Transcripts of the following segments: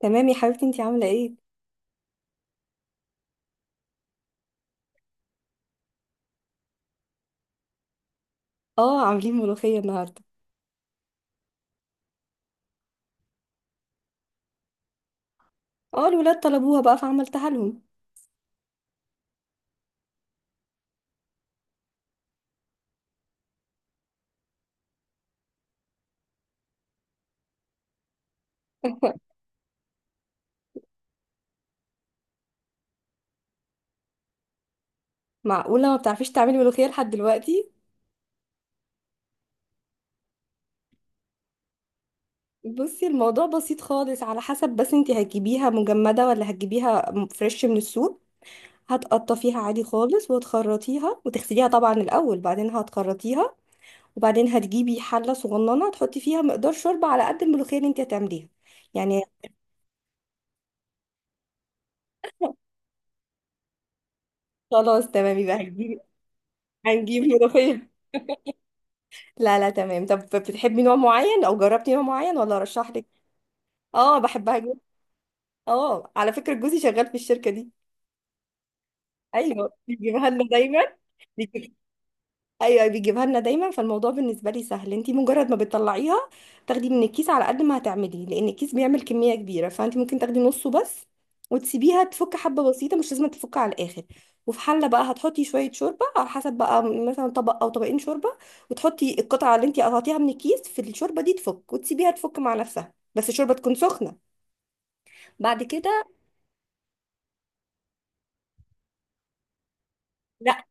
تمام يا حبيبتي، انتي عاملة ايه؟ اه، عاملين ملوخية النهاردة. اه، الولاد طلبوها بقى فعملتها لهم. معقولة ما بتعرفيش تعملي ملوخية لحد دلوقتي؟ بصي، الموضوع بسيط خالص، على حسب، بس انتي هتجيبيها مجمدة ولا هتجيبيها فريش من السوق؟ هتقطفيها عادي خالص وتخرطيها وتغسليها طبعا الأول، بعدين هتخرطيها. وبعدين هتجيبي حلة صغننة تحطي فيها مقدار شوربة على قد الملوخية اللي انتي هتعمليها يعني. خلاص، تمام، يبقى هتجيبي. هنجيب ملوخية. لا لا، تمام. طب بتحبي نوع معين او جربتي نوع معين ولا ارشح لك؟ اه، بحبها جدا. اه، على فكرة جوزي شغال في الشركة دي. ايوه، بيجيبها لنا دايما. فالموضوع بالنسبه لي سهل، انت مجرد ما بتطلعيها تاخدي من الكيس على قد ما هتعملي، لان الكيس بيعمل كميه كبيره، فانت ممكن تاخدي نصه بس. وتسيبيها تفك حبه بسيطه، مش لازم تفك على الاخر. وفي حله بقى هتحطي شويه شوربه، على حسب بقى، مثلا طبق او طبقين شوربه. وتحطي القطعه اللي انت قطعتيها من الكيس في الشوربه دي، تفك وتسيبيها تفك مع نفسها، بس الشوربه تكون سخنه. بعد كده. لا،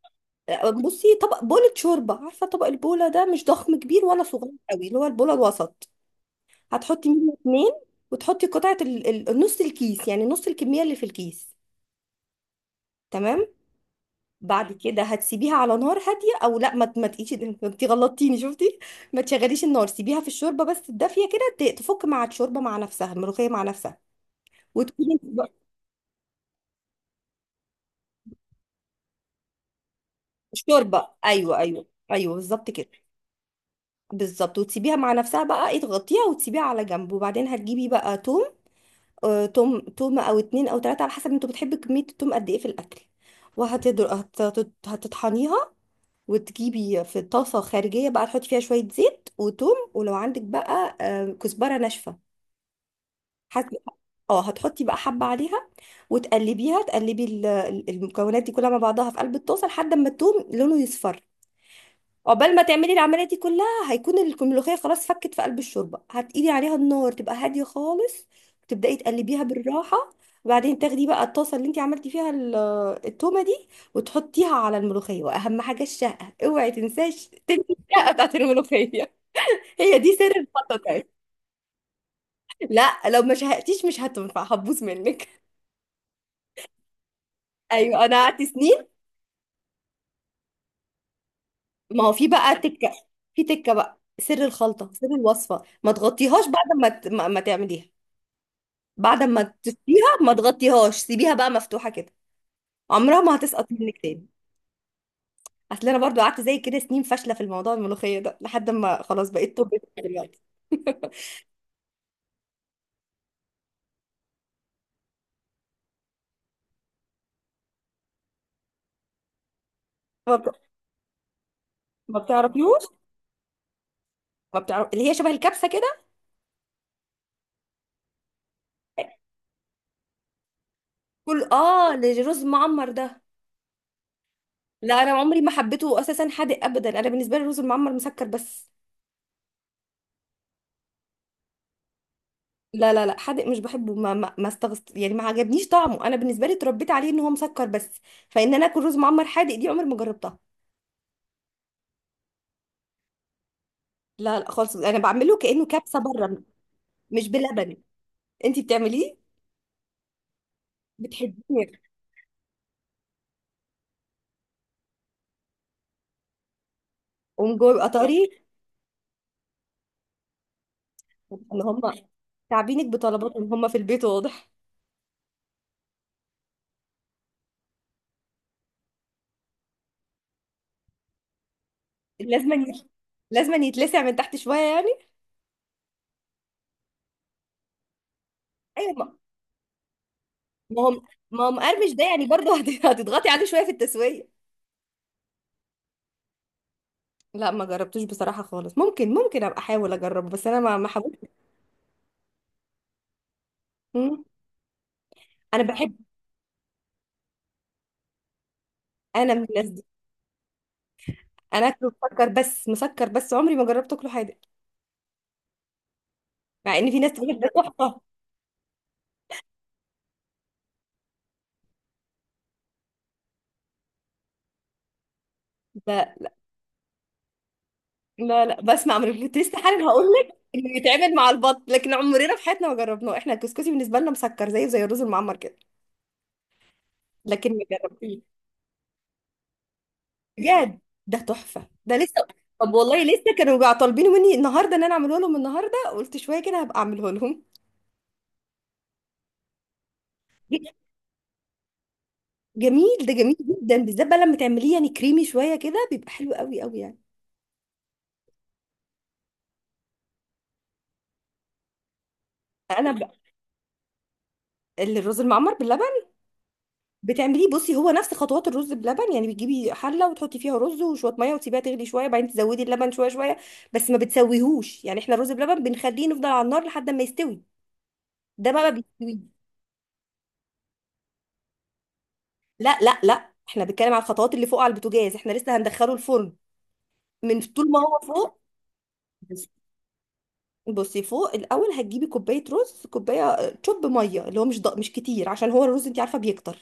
بصي، طبق بولة شوربه، عارفه طبق البوله ده مش ضخم كبير ولا صغير قوي، اللي هو البوله الوسط. هتحطي منه اتنين. وتحطي قطعة نص الكيس، يعني نص الكمية اللي في الكيس. تمام. بعد كده هتسيبيها على نار هادية، او لا، ما تقيش. انت غلطتيني شفتي. ما تشغليش النار، سيبيها في الشوربة بس الدافية كده تفك مع الشوربة مع نفسها، الملوخية مع نفسها. وتكوني الشوربة، ايوه، ايوه. ايوه بالظبط كده. بالظبط، وتسيبيها مع نفسها بقى، ايه، تغطيها وتسيبيها على جنب. وبعدين هتجيبي بقى توم، توم، تومة أو اتنين أو تلاتة، على حسب انتوا بتحبوا كمية التوم قد ايه في الأكل. هتطحنيها. وتجيبي في طاسة خارجية بقى، تحطي فيها شوية زيت وتوم، ولو عندك بقى كزبرة ناشفة حسب. اه، هتحطي بقى حبة عليها. وتقلبيها المكونات دي كلها مع بعضها في قلب الطاسة لحد ما التوم لونه يصفر. عقبال ما تعملي العمليه دي كلها، هيكون الملوخيه خلاص فكت في قلب الشوربه. هتقيلي عليها النار تبقى هاديه خالص، وتبداي تقلبيها بالراحه. وبعدين تاخدي بقى الطاسه اللي انت عملتي فيها التومه دي وتحطيها على الملوخيه. واهم حاجه الشقه، اوعي تنساش تنسي الشقه بتاعت الملوخيه، هي دي سر الخطه يعني. لا، لو ما شهقتيش مش هتنفع، هتبوظ منك. ايوه، انا قعدت سنين. ما هو في بقى تكه، في تكه بقى سر الخلطه، سر الوصفه، ما تغطيهاش بعد ما تعمليها. بعد ما تسقيها ما تغطيهاش، سيبيها بقى مفتوحة كده، عمرها ما هتسقط منك تاني. اصل انا برضو قعدت زي كده سنين فاشلة في الموضوع الملوخية ده، لحد ما خلاص بقيت توب دلوقتي. ما بت- ما بتعرفيوش. ما بتعرف اللي هي شبه الكبسة كده. كل الرز معمر ده. لا، انا عمري ما حبيته اساسا، حادق ابدا، انا بالنسبة لي الرز المعمر مسكر بس. لا لا لا، حادق مش بحبه، ما استغست يعني، ما عجبنيش طعمه، انا بالنسبة لي اتربيت عليه ان هو مسكر بس، فان انا اكل رز معمر حادق دي عمري ما جربتها. لا لا خالص، انا بعمله كانه كبسه، بره، مش بلبن. انت بتعمليه؟ بتحبيه؟ ومن جوه بيبقى طري. ان هم تعبينك بطلباتهم هم في البيت واضح. لازم يت... لازم يتلسع من تحت شويه يعني. ايوه، ما هم ما هم مقرمش ده يعني، برضه هتضغطي عليه شويه في التسويه. لا، ما جربتوش بصراحه خالص، ممكن ابقى احاول اجربه، بس انا ما حاولتش. مم. انا بحب، انا من الناس دي. انا اكله مسكر بس، مسكر بس، عمري ما جربت اكله حادق، مع ان في ناس تقول لك ده تحفه. لا لا لا، بسمع من البلوتيست حالا هقول لك انه يتعمل مع البط، لكن عمرنا في حياتنا ما جربناه، احنا الكسكسي بالنسبه لنا مسكر، زيه زي الرز المعمر كده. لكن ما جربتيه. بجد، ده تحفه ده لسه. طب والله لسه كانوا بقى طالبينه مني النهارده، ان انا اعمله لهم النهارده قلت شويه كده هبقى اعمله لهم. جميل، ده جميل جدا، بالذات بقى لما تعمليه يعني كريمي شويه كده بيبقى حلو قوي قوي يعني. انا بقى الرز المعمر باللبن بتعمليه، بصي هو نفس خطوات الرز بلبن، يعني بتجيبي حله وتحطي فيها رز وشويه ميه وتسيبيها تغلي شويه، بعدين تزودي اللبن شويه شويه. بس ما بتسويهوش يعني، احنا الرز بلبن بنخليه نفضل على النار لحد ما يستوي، ده بقى ما بيستوي. لا لا لا، احنا بنتكلم على الخطوات اللي فوق على البوتاجاز، احنا لسه هندخله الفرن من طول ما هو فوق. بس- بصي فوق الاول، هتجيبي كوبايه رز، كوبايه شوب ميه، اللي هو مش كتير، عشان هو الرز انت عارفه بيكتر.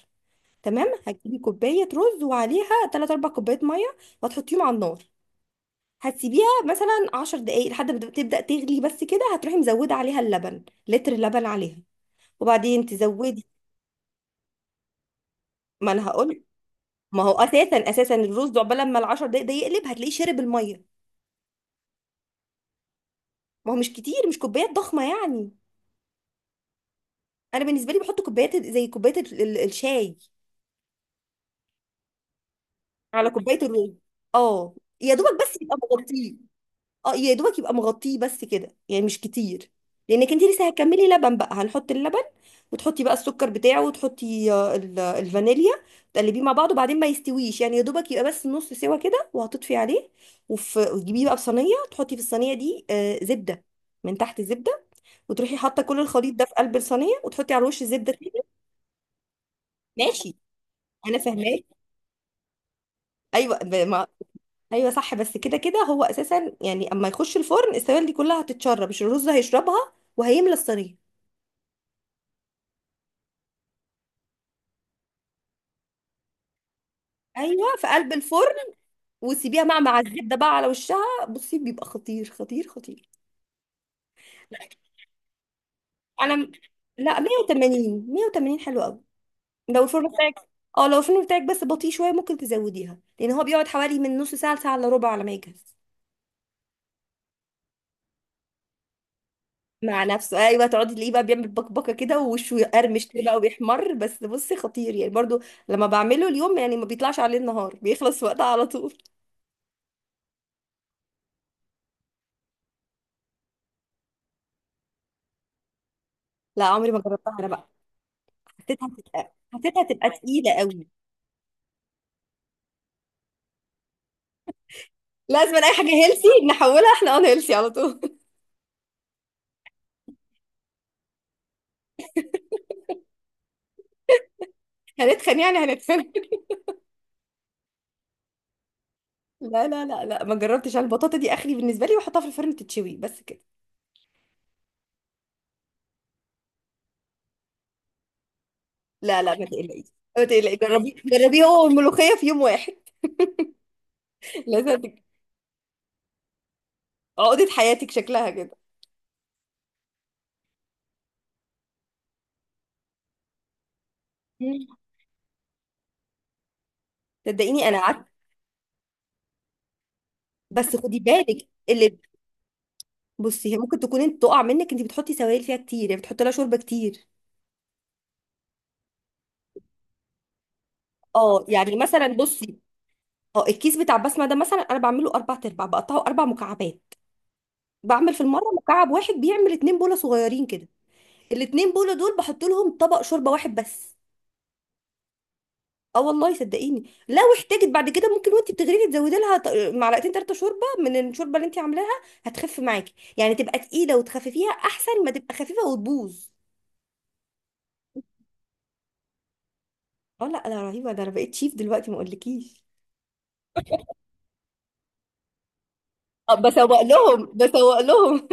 تمام، هتجيبي كوبايه رز وعليها 3 4 كوبايات ميه، وهتحطيهم على النار، هتسيبيها مثلا 10 دقايق لحد ما تبدأ تغلي، بس كده هتروحي مزودة عليها اللبن، لتر لبن عليها وبعدين تزودي. ما انا هقول، ما هو اساسا الرز ده عقبال لما العشر دقايق ده يقلب هتلاقيه شرب المية. ما هو مش كتير، مش كوبايات ضخمة يعني، انا بالنسبة لي بحط كوبايات زي كوباية الشاي، على كوباية الرز. اه، يا دوبك بس يبقى مغطيه. اه، يا دوبك يبقى مغطيه بس كده يعني مش كتير، لانك انت لسه هتكملي لبن بقى. هنحط اللبن، وتحطي بقى السكر بتاعه، وتحطي الفانيليا، تقلبيه مع بعض، وبعدين ما يستويش يعني، يا دوبك يبقى بس نص سوا كده، وهتطفي عليه. وتجيبيه بقى في صينيه، تحطي في الصينيه دي زبده من تحت، زبده، وتروحي حاطه كل الخليط ده في قلب الصينيه، وتحطي على الوش زبده تاني. ماشي، انا فاهماك. ايوه، ايوه صح، بس كده كده هو اساسا يعني اما يخش الفرن السوائل دي كلها هتتشرب، مش الرز هيشربها وهيملى الصينيه. ايوه في قلب الفرن، وسيبيها مع الزبده بقى على وشها. بصي بيبقى خطير، خطير، خطير. لا، انا م- لا 180 180 حلو قوي، لو الفرن بتاعك. اه، لو الفرن بتاعك بس بطيء شويه ممكن تزوديها، لان هو بيقعد حوالي من نص ساعه لساعه الا ربع على ما يجهز. مع نفسه، ايوه، تقعدي تلاقيه بقى بيعمل بكبكه كده ووشه يقرمش كده بقى وبيحمر، بس بصي خطير يعني برضو. لما بعمله اليوم يعني ما بيطلعش عليه النهار، بيخلص وقتها على طول. لا عمري ما جربتها انا بقى، حسيتها تبقى تقيله قوي. لازم اي حاجه هيلسي نحولها احنا، انا هيلسي على طول. هنتخن يعني هنتخن. لا لا لا لا، ما جربتش انا البطاطا دي اخري بالنسبه لي، واحطها في الفرن تتشوي بس كده. لا لا ما تقلقيش. ما تقلقي، جربي جربيه هو والملوخيه في يوم واحد. لازم تج- عقده حياتك شكلها كده. مم. صدقيني انا قعدت. بس خدي بالك اللي، بصي هي ممكن تكون انت تقع منك، انت بتحطي سوائل فيها كتير يعني، بتحطي لها شوربه كتير. اه يعني مثلا بصي، اه الكيس بتاع بسمه ده، مثلا انا بعمله اربع ارباع بقطعه اربع مكعبات، بعمل في المره مكعب واحد بيعمل اتنين بوله صغيرين كده. الاتنين بوله دول بحط لهم طبق شوربه واحد بس. اه والله صدقيني، لو احتاجت بعد كده ممكن وانت بتغرفي تزودي لها معلقتين ثلاثه شوربه من الشوربه اللي انت عاملاها، هتخف معاكي يعني، تبقى تقيله وتخففيها احسن ما تبقى خفيفه وتبوظ. اه، لا انا رهيبه، ده انا بقيت شيف دلوقتي ما اقولكيش. بسوق لهم، بسوق لهم.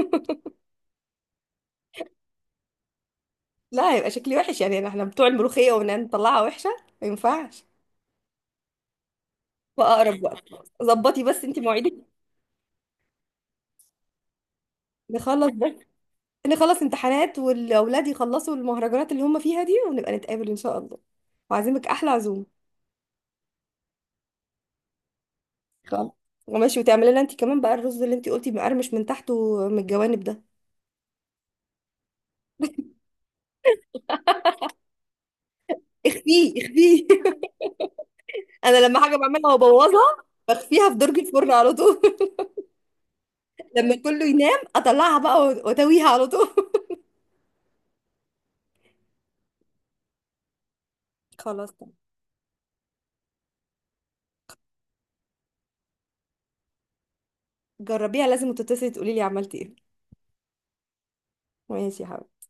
لا هيبقى شكلي وحش يعني، احنا بتوع الملوخيه ونطلعها وحشه، ما ينفعش. فاقرب وقت، ظبطي بس انت مواعيدك. نخلص بس، نخلص امتحانات والاولاد يخلصوا المهرجانات اللي هم فيها دي، ونبقى نتقابل ان شاء الله، وعازمك احلى عزومه. خلاص. وماشي، وتعملي لنا انت كمان بقى الرز اللي انت قلتي مقرمش من تحت ومن الجوانب ده. اخفيه اخفيه. انا لما حاجه بعملها وابوظها بخفيها في درج الفرن على طول، لما كله ينام اطلعها بقى واتويها على طول. خلاص تمام. جربيها، لازم تتصلي تقولي لي عملتي ايه. ماشي يا حبيبتي.